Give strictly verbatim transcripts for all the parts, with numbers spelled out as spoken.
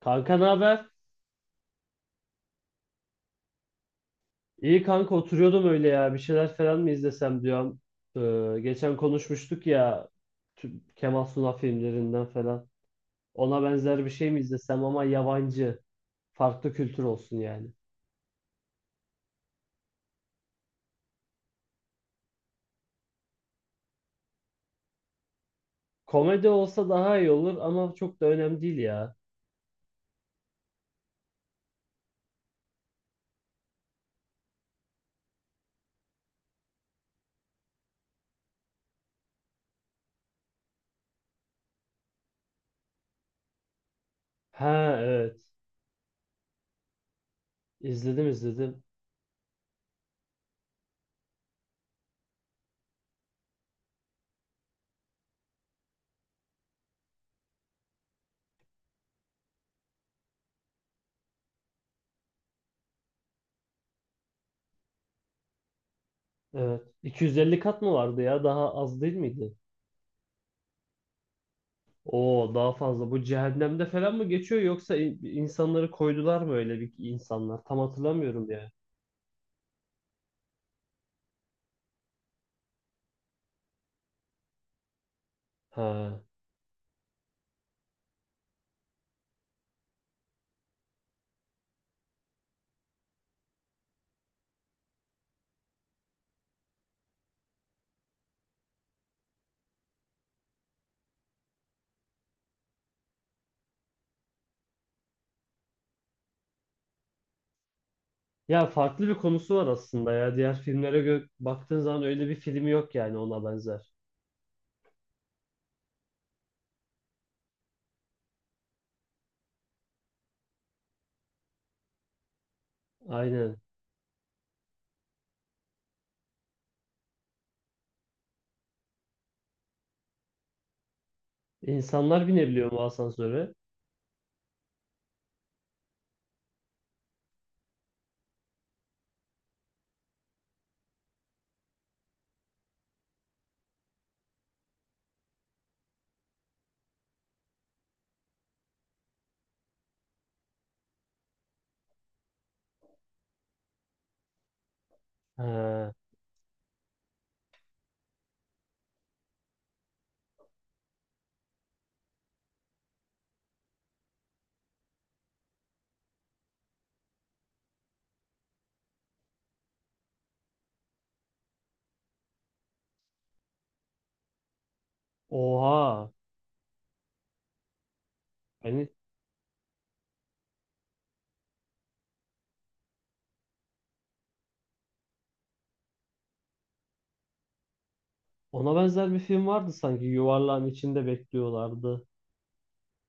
Kanka ne haber? İyi kanka oturuyordum öyle ya. Bir şeyler falan mı izlesem diyorum. Ee, geçen konuşmuştuk ya tü- Kemal Sunal filmlerinden falan. Ona benzer bir şey mi izlesem ama yabancı. Farklı kültür olsun yani. Komedi olsa daha iyi olur ama çok da önemli değil ya. Ha, evet. İzledim, izledim. Evet. iki yüz elli kat mı vardı ya? Daha az değil miydi? Oo, daha fazla. Bu cehennemde falan mı geçiyor yoksa in- insanları koydular mı öyle bir insanlar? Tam hatırlamıyorum yani. Ha. Ya farklı bir konusu var aslında ya. Diğer filmlere gö- baktığın zaman öyle bir film yok yani ona benzer. Aynen. İnsanlar binebiliyor mu asansöre? Ha. Oha. Yani ona benzer bir film vardı sanki. Yuvarlağın içinde bekliyorlardı.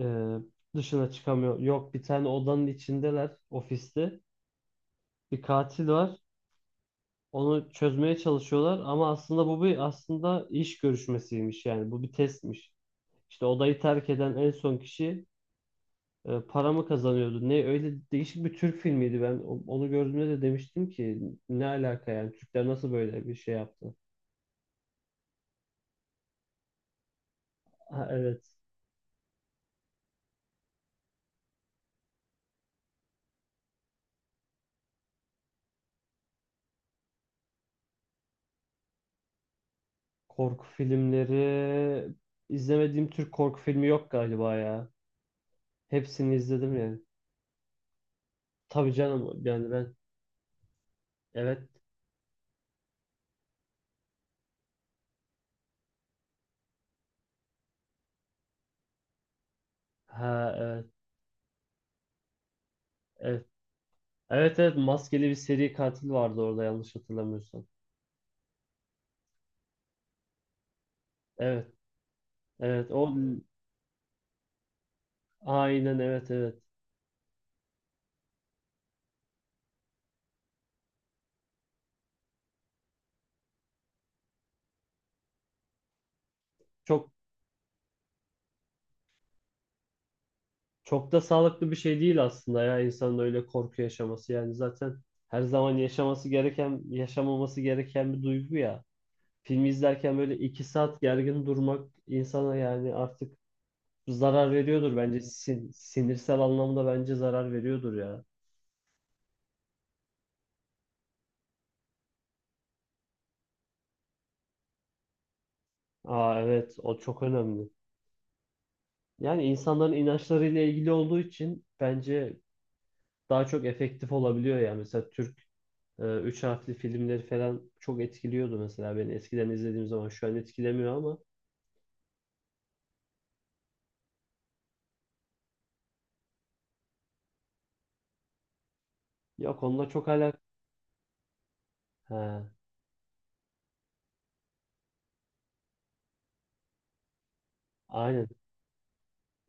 Ee, dışına çıkamıyor. Yok, bir tane odanın içindeler, ofiste. Bir katil var. Onu çözmeye çalışıyorlar ama aslında bu bir aslında iş görüşmesiymiş yani. Bu bir testmiş. İşte odayı terk eden en son kişi e, para mı kazanıyordu. Ne öyle değişik bir Türk filmiydi ben. o- Onu gördüğümde de demiştim ki ne alaka yani, Türkler nasıl böyle bir şey yaptı? Ha, evet. Korku filmleri izlemediğim Türk korku filmi yok galiba ya. Hepsini izledim yani. Tabii canım yani ben. Evet. Ha, evet, evet. Evet, evet, maskeli bir seri katil vardı orada yanlış hatırlamıyorsam. Evet, evet o, aynen, evet, evet. Çok Çok da sağlıklı bir şey değil aslında ya, insanın öyle korku yaşaması. Yani zaten her zaman yaşaması gereken, yaşamaması gereken bir duygu ya. Filmi izlerken böyle iki saat gergin durmak insana yani artık zarar veriyordur bence. Sin- sinirsel anlamda bence zarar veriyordur ya. Aa, evet, o çok önemli. Yani insanların inançlarıyla ilgili olduğu için bence daha çok efektif olabiliyor ya. Mesela Türk e, üç harfli filmleri falan çok etkiliyordu mesela beni eskiden, izlediğim zaman. Şu an etkilemiyor ama yok, onunla çok alak. Ha, aynen.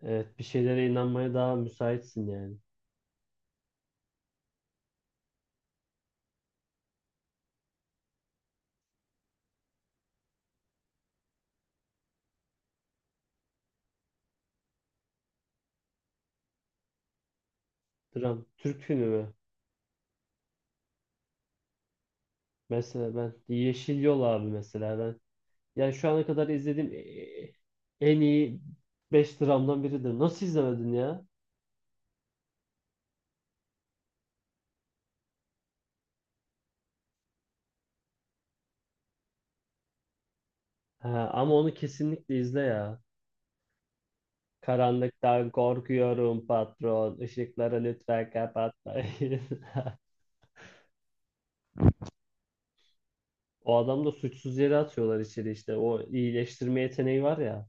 Evet, bir şeylere inanmaya daha müsaitsin yani. Dram Türk filmi mi? Mesela ben Yeşil Yol abi, mesela ben. Yani şu ana kadar izlediğim e- e, en iyi beş dramdan biridir. Nasıl izlemedin ya? Ha, ama onu kesinlikle izle ya. Karanlıktan korkuyorum patron. Işıkları lütfen kapatmayın. O adam da, suçsuz yere atıyorlar içeri işte. O iyileştirme yeteneği var ya.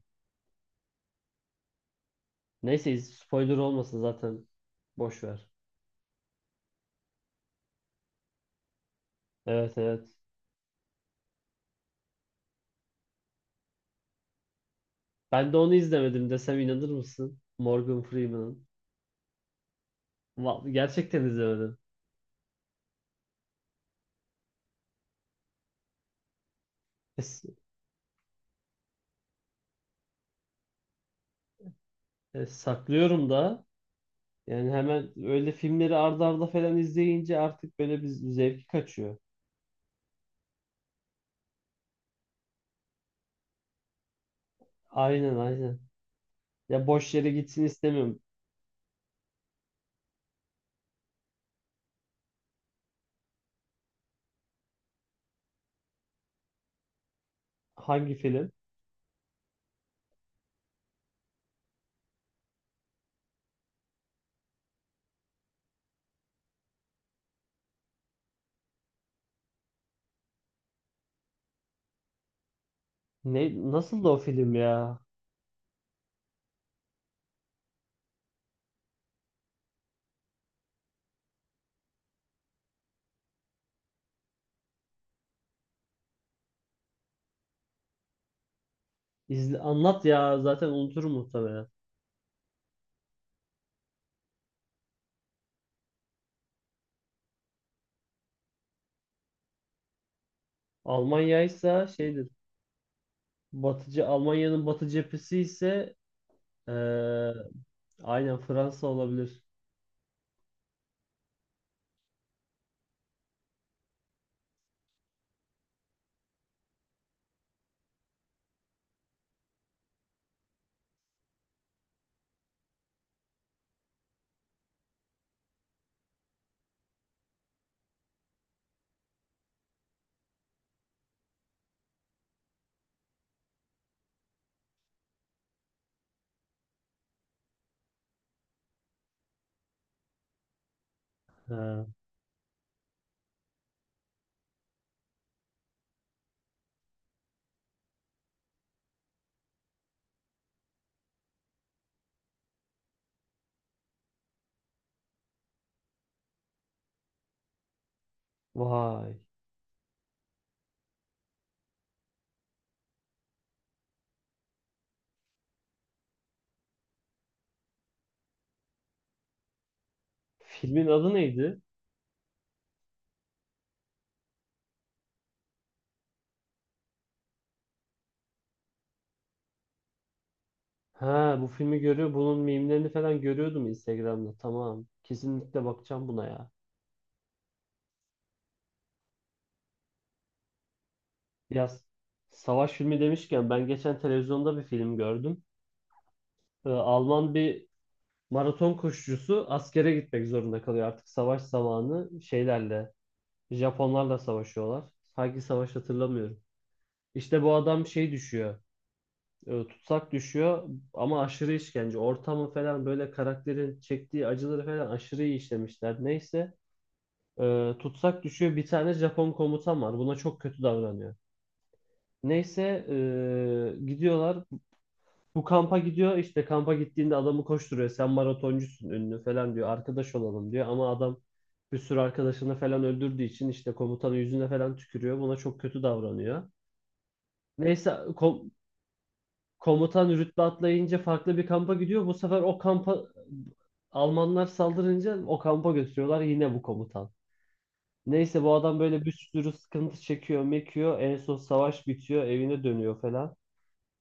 Neyse, spoiler olmasın zaten. Boş ver. Evet, evet. Ben de onu izlemedim desem inanır mısın? Morgan Freeman'ın. Va- Gerçekten izlemedim. E, s- e, saklıyorum da. Yani hemen öyle filmleri arda arda falan izleyince artık böyle bir zevki kaçıyor. Aynen, aynen. Ya boş yere gitsin istemiyorum. Hangi film? Ne, nasıl da o film ya? İzle, anlat ya, zaten unuturum muhtemelen. Almanya'ysa şeydir. Batıcı Almanya'nın batı cephesi ise Ee, aynen, Fransa olabilir. Ha, vay. Filmin adı neydi? Ha, bu filmi görüyor. Bunun mimlerini falan görüyordum Instagram'da. Tamam. Kesinlikle bakacağım buna ya. Biraz savaş filmi demişken, ben geçen televizyonda bir film gördüm. Ee, Alman bir maraton koşucusu askere gitmek zorunda kalıyor artık savaş zamanı şeylerle. Japonlarla savaşıyorlar. Hangi savaş hatırlamıyorum. İşte bu adam şey düşüyor. E, tutsak düşüyor ama aşırı işkence. Ortamı falan böyle, karakterin çektiği acıları falan aşırı iyi işlemişler. Neyse, e, tutsak düşüyor. Bir tane Japon komutan var. Buna çok kötü davranıyor. Neyse, e, gidiyorlar. Bu kampa gidiyor. İşte kampa gittiğinde adamı koşturuyor. Sen maratoncusun, ünlü, falan diyor. Arkadaş olalım diyor. Ama adam, bir sürü arkadaşını falan öldürdüğü için işte, komutanın yüzüne falan tükürüyor. Buna çok kötü davranıyor. Neyse kom- komutan rütbe atlayınca farklı bir kampa gidiyor. Bu sefer o kampa Almanlar saldırınca o kampa götürüyorlar yine bu komutan. Neyse bu adam böyle bir sürü sıkıntı çekiyor, mekiyor. En son savaş bitiyor, evine dönüyor falan.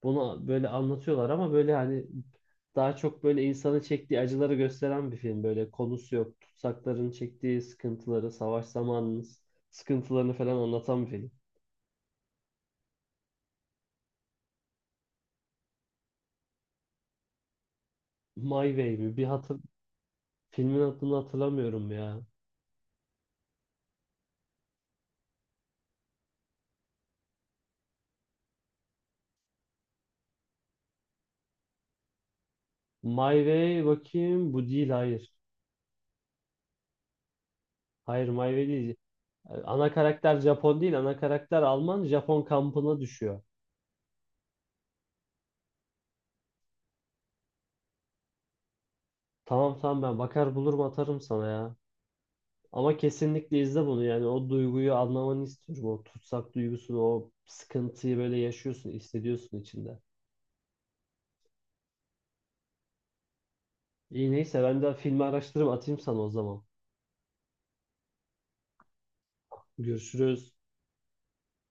Bunu böyle anlatıyorlar ama böyle hani daha çok böyle insanın çektiği acıları gösteren bir film. Böyle konusu yok. Tutsakların çektiği sıkıntıları, savaş zamanının sıkıntılarını falan anlatan bir film. My Way mi? Bir hatır, filmin adını hatırlamıyorum ya. My Way, bakayım, bu değil, hayır. Hayır, My Way değil. Ana karakter Japon değil, ana karakter Alman, Japon kampına düşüyor. Tamam, tamam, ben bakar bulurum, atarım sana ya. Ama kesinlikle izle bunu, yani o duyguyu anlamanı istiyorum. O tutsak duygusunu, o sıkıntıyı böyle yaşıyorsun, hissediyorsun içinde. İyi, neyse, ben de filmi araştırırım, atayım sana o zaman. Görüşürüz.